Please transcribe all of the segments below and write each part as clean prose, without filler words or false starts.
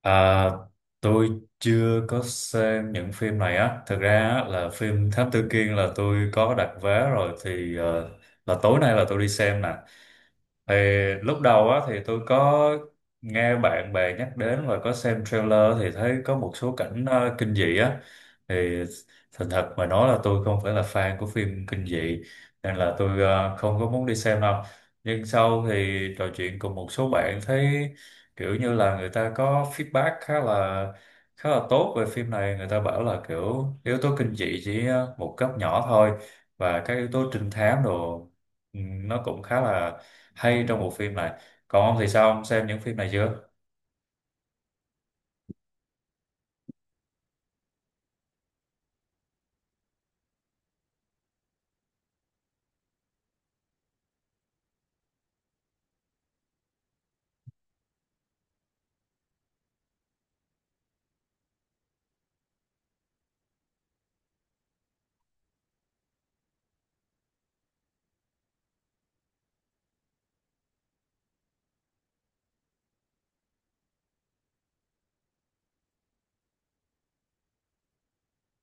À, tôi chưa có xem những phim này á. Thực ra á, là phim Thám Tử Kiên là tôi có đặt vé rồi thì là tối nay là tôi đi xem nè. Thì lúc đầu á thì tôi có nghe bạn bè nhắc đến và có xem trailer thì thấy có một số cảnh kinh dị á. Thì thành thật mà nói là tôi không phải là fan của phim kinh dị nên là tôi không có muốn đi xem đâu. Nhưng sau thì trò chuyện cùng một số bạn thấy kiểu như là người ta có feedback khá là tốt về phim này, người ta bảo là kiểu yếu tố kinh dị chỉ một cấp nhỏ thôi, và các yếu tố trinh thám đồ, ừ, nó cũng khá là hay trong bộ phim này. Còn ông thì sao, ông xem những phim này chưa?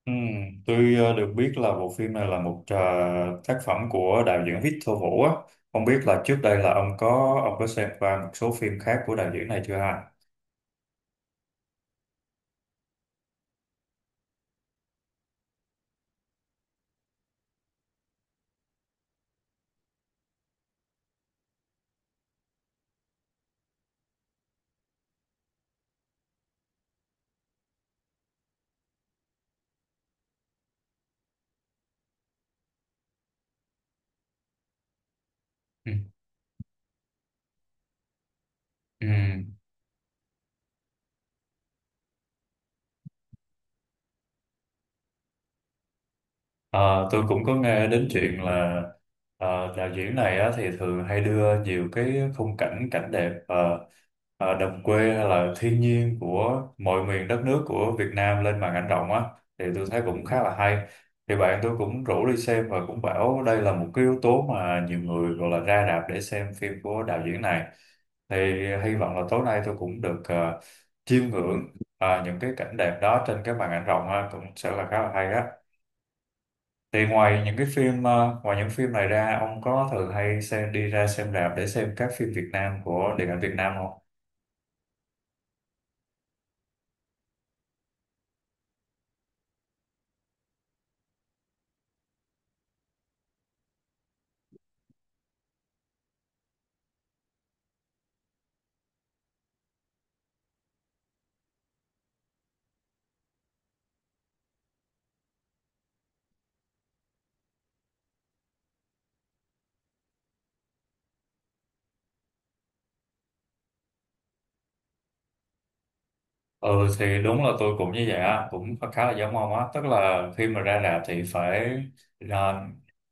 Ừ, tôi được biết là bộ phim này là một tác phẩm của đạo diễn Victor Vũ á. Không biết là trước đây là ông có xem qua một số phim khác của đạo diễn này chưa ha? Ừ. Ừ. Ờ, tôi cũng có nghe đến chuyện là, ờ, đạo diễn này á, thì thường hay đưa nhiều cái khung cảnh, cảnh đẹp, đồng quê hay là thiên nhiên của mọi miền đất nước của Việt Nam lên màn ảnh rộng á, thì tôi thấy cũng khá là hay. Thì bạn tôi cũng rủ đi xem và cũng bảo đây là một cái yếu tố mà nhiều người gọi là ra rạp để xem phim của đạo diễn này, thì hy vọng là tối nay tôi cũng được chiêm ngưỡng những cái cảnh đẹp đó trên cái màn ảnh rộng ha, cũng sẽ là khá là hay á. Thì ngoài những cái phim, ngoài những phim này ra, ông có thường hay xem đi ra xem rạp để xem các phim Việt Nam của điện ảnh Việt Nam không? Ừ, thì đúng là tôi cũng như vậy á, cũng khá khá là giống ông á, tức là khi mà ra rạp thì phải, à,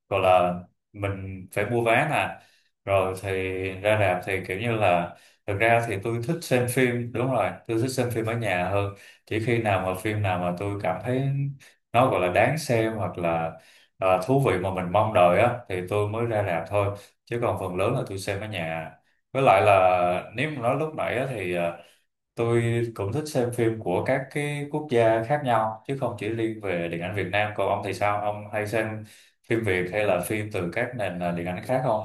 gọi là mình phải mua vé nè, rồi thì ra rạp thì kiểu như là, thực ra thì tôi thích xem phim, đúng rồi, tôi thích xem phim ở nhà hơn, chỉ khi nào mà phim nào mà tôi cảm thấy nó gọi là đáng xem hoặc là, à, thú vị mà mình mong đợi á thì tôi mới ra rạp thôi, chứ còn phần lớn là tôi xem ở nhà. Với lại là nếu mà nói lúc nãy á, thì à, tôi cũng thích xem phim của các cái quốc gia khác nhau chứ không chỉ riêng về điện ảnh Việt Nam. Còn ông thì sao? Ông hay xem phim Việt hay là phim từ các nền, à, điện ảnh khác không?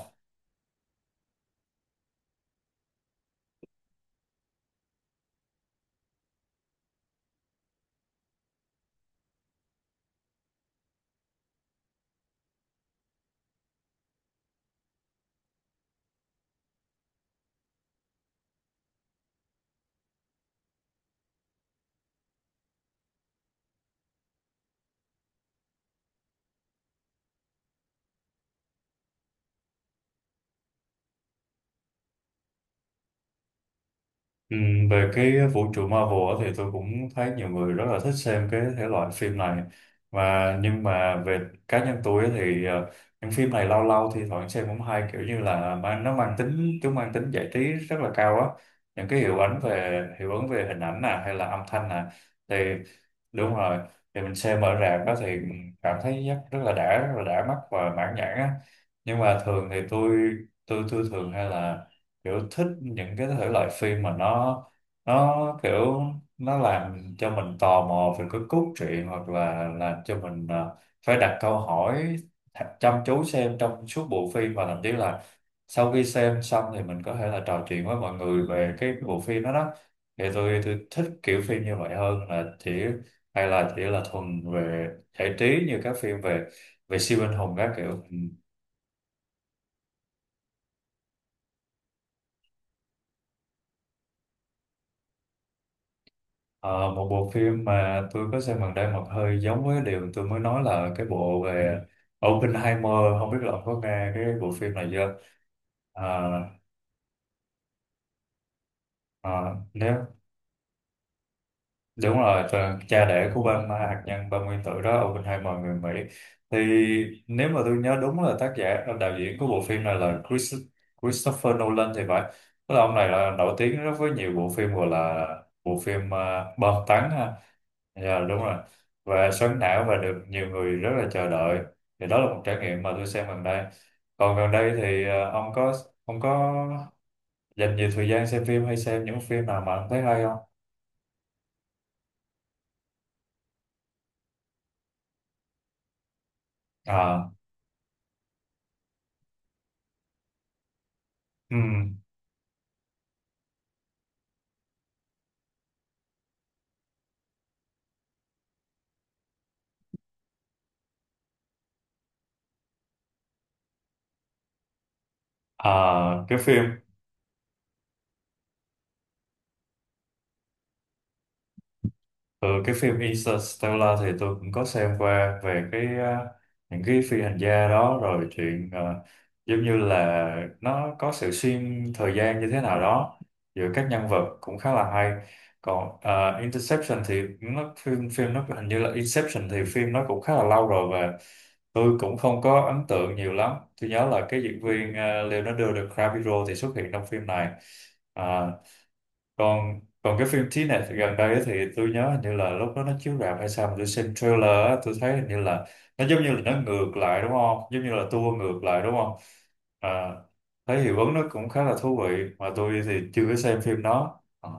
Ừ, về cái vũ trụ Marvel á thì tôi cũng thấy nhiều người rất là thích xem cái thể loại phim này, mà nhưng mà về cá nhân tôi á thì những phim này lâu lâu thì thoảng xem cũng hay, kiểu như là mang nó mang tính chúng mang tính giải trí rất là cao á, những cái hiệu ứng về hình ảnh nè hay là âm thanh nè, thì đúng rồi, thì mình xem ở rạp đó thì cảm thấy rất, rất là đã, rất là đã mắt và mãn nhãn á. Nhưng mà thường thì tôi thường hay là kiểu thích những cái thể loại phim mà nó kiểu nó làm cho mình tò mò về cái cốt truyện, hoặc là làm cho mình phải đặt câu hỏi, thật chăm chú xem trong suốt bộ phim, và thậm chí là sau khi xem xong thì mình có thể là trò chuyện với mọi người về cái bộ phim đó đó, thì tôi thích kiểu phim như vậy hơn là chỉ, hay là chỉ là thuần về giải trí, như các phim về, về siêu anh hùng các kiểu. Ờ, một bộ phim mà tôi có xem gần đây mà hơi giống với điều tôi mới nói là cái bộ về Oppenheimer, không biết là ông có nghe cái bộ phim này chưa? Ờ, ờ, nếu đúng rồi, tờ- cha đẻ của bom hạt nhân, bom nguyên tử đó, Oppenheimer người Mỹ. Thì nếu mà tôi nhớ đúng là tác giả, đạo diễn của bộ phim này là Christopher Nolan thì phải, tức là ông này là nổi tiếng rất với nhiều bộ phim, gọi là bộ phim bom tấn. Dạ đúng rồi, và xoắn não, và được nhiều người rất là chờ đợi, thì đó là một trải nghiệm mà tôi xem gần đây. Còn gần đây thì ông có dành nhiều thời gian xem phim hay xem những phim nào mà ông thấy hay không? À, ừm, à, cái phim. Ừ, cái phim Interstellar thì tôi cũng có xem qua, về cái, à, những cái phi hành gia đó, rồi chuyện, à, giống như là nó có sự xuyên thời gian như thế nào đó giữa các nhân vật, cũng khá là hay. Còn à, Interception thì nó phim phim nó hình như là Inception thì phim nó cũng khá là lâu rồi, và tôi cũng không có ấn tượng nhiều lắm, tôi nhớ là cái diễn viên à, Leonardo DiCaprio thì xuất hiện trong phim này. Ờ, còn còn cái phim Trí Nè gần đây ấy thì tôi nhớ hình như là lúc đó nó chiếu rạp hay sao mà tôi xem trailer á, tôi thấy hình như là nó giống như là nó ngược lại đúng không, giống như là tua ngược lại đúng không, à, thấy hiệu ứng nó cũng khá là thú vị mà tôi thì chưa có xem phim đó. Ờ,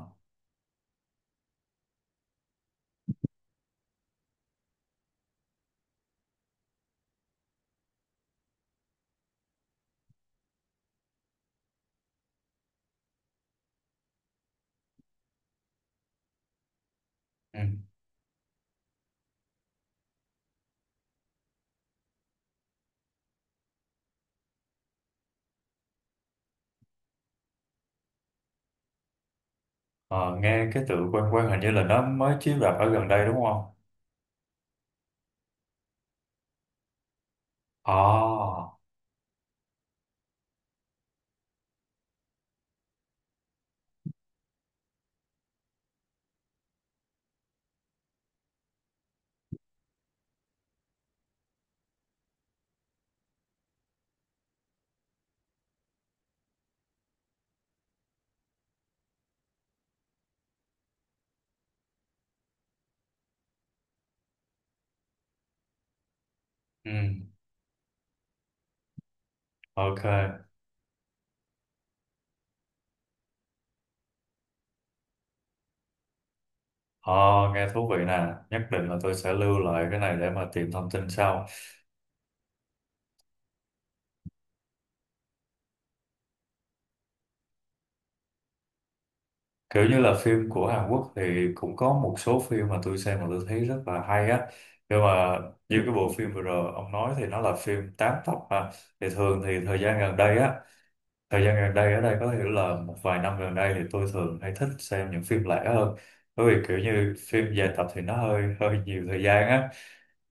ừ. Ờ, nghe cái tựa quen quen, hình như là nó mới chiếu rạp ở gần đây đúng không? À, ừ, ok. Ờ, nghe thú vị nè, nhất định là tôi sẽ lưu lại cái này để mà tìm thông tin sau. Kiểu như là phim của Hàn Quốc thì cũng có một số phim mà tôi xem mà tôi thấy rất là hay á, nhưng mà như cái bộ phim vừa rồi ông nói thì nó là phim 8 tập mà, thì thường thì thời gian gần đây á, thời gian gần đây ở đây có hiểu là một vài năm gần đây thì tôi thường hay thích xem những phim lẻ hơn, bởi vì kiểu như phim dài tập thì nó hơi hơi nhiều thời gian á.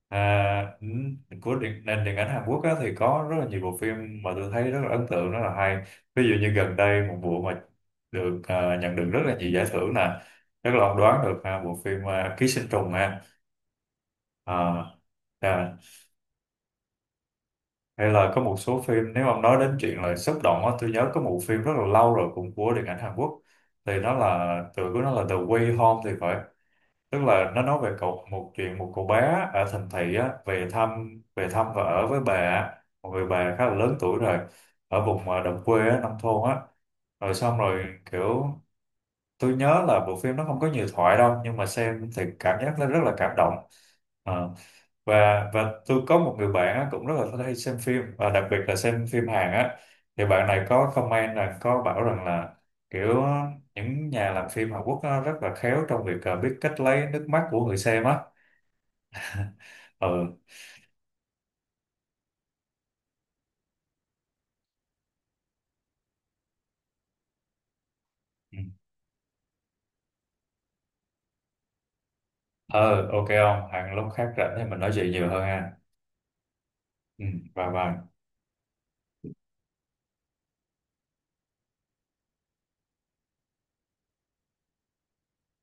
À, ừ, của điện, nền điện ảnh Hàn Quốc á, thì có rất là nhiều bộ phim mà tôi thấy rất là ấn tượng, rất là hay, ví dụ như gần đây một bộ mà được, à, nhận được rất là nhiều giải thưởng nè, chắc là ông đoán được ha, bộ phim à, Ký sinh trùng nè. À, à, hay là có một số phim, nếu ông nói đến chuyện là xúc động á, tôi nhớ có một phim rất là lâu rồi cũng của điện ảnh Hàn Quốc, thì nó là tựa của nó là The Way Home thì phải, tức là nó nói về cậu một chuyện một cậu bé ở thành thị á về thăm, về thăm và ở với bà, một người bà khá là lớn tuổi rồi, ở vùng à, đồng quê á, nông thôn á, rồi xong rồi, kiểu, tôi nhớ là bộ phim nó không có nhiều thoại đâu nhưng mà xem thì cảm giác nó rất là cảm động. Ờ, và tôi có một người bạn á, cũng rất là hay xem phim và đặc biệt là xem phim Hàn á, thì bạn này có comment là có bảo rằng là kiểu những nhà làm phim Hàn Quốc á, rất là khéo trong việc à, biết cách lấy nước mắt của người xem á. Ừ. Ừ. Ờ, ok, không Hàn lúc khác rảnh thì mình nói chuyện nhiều hơn ha. Ừ, bye bye.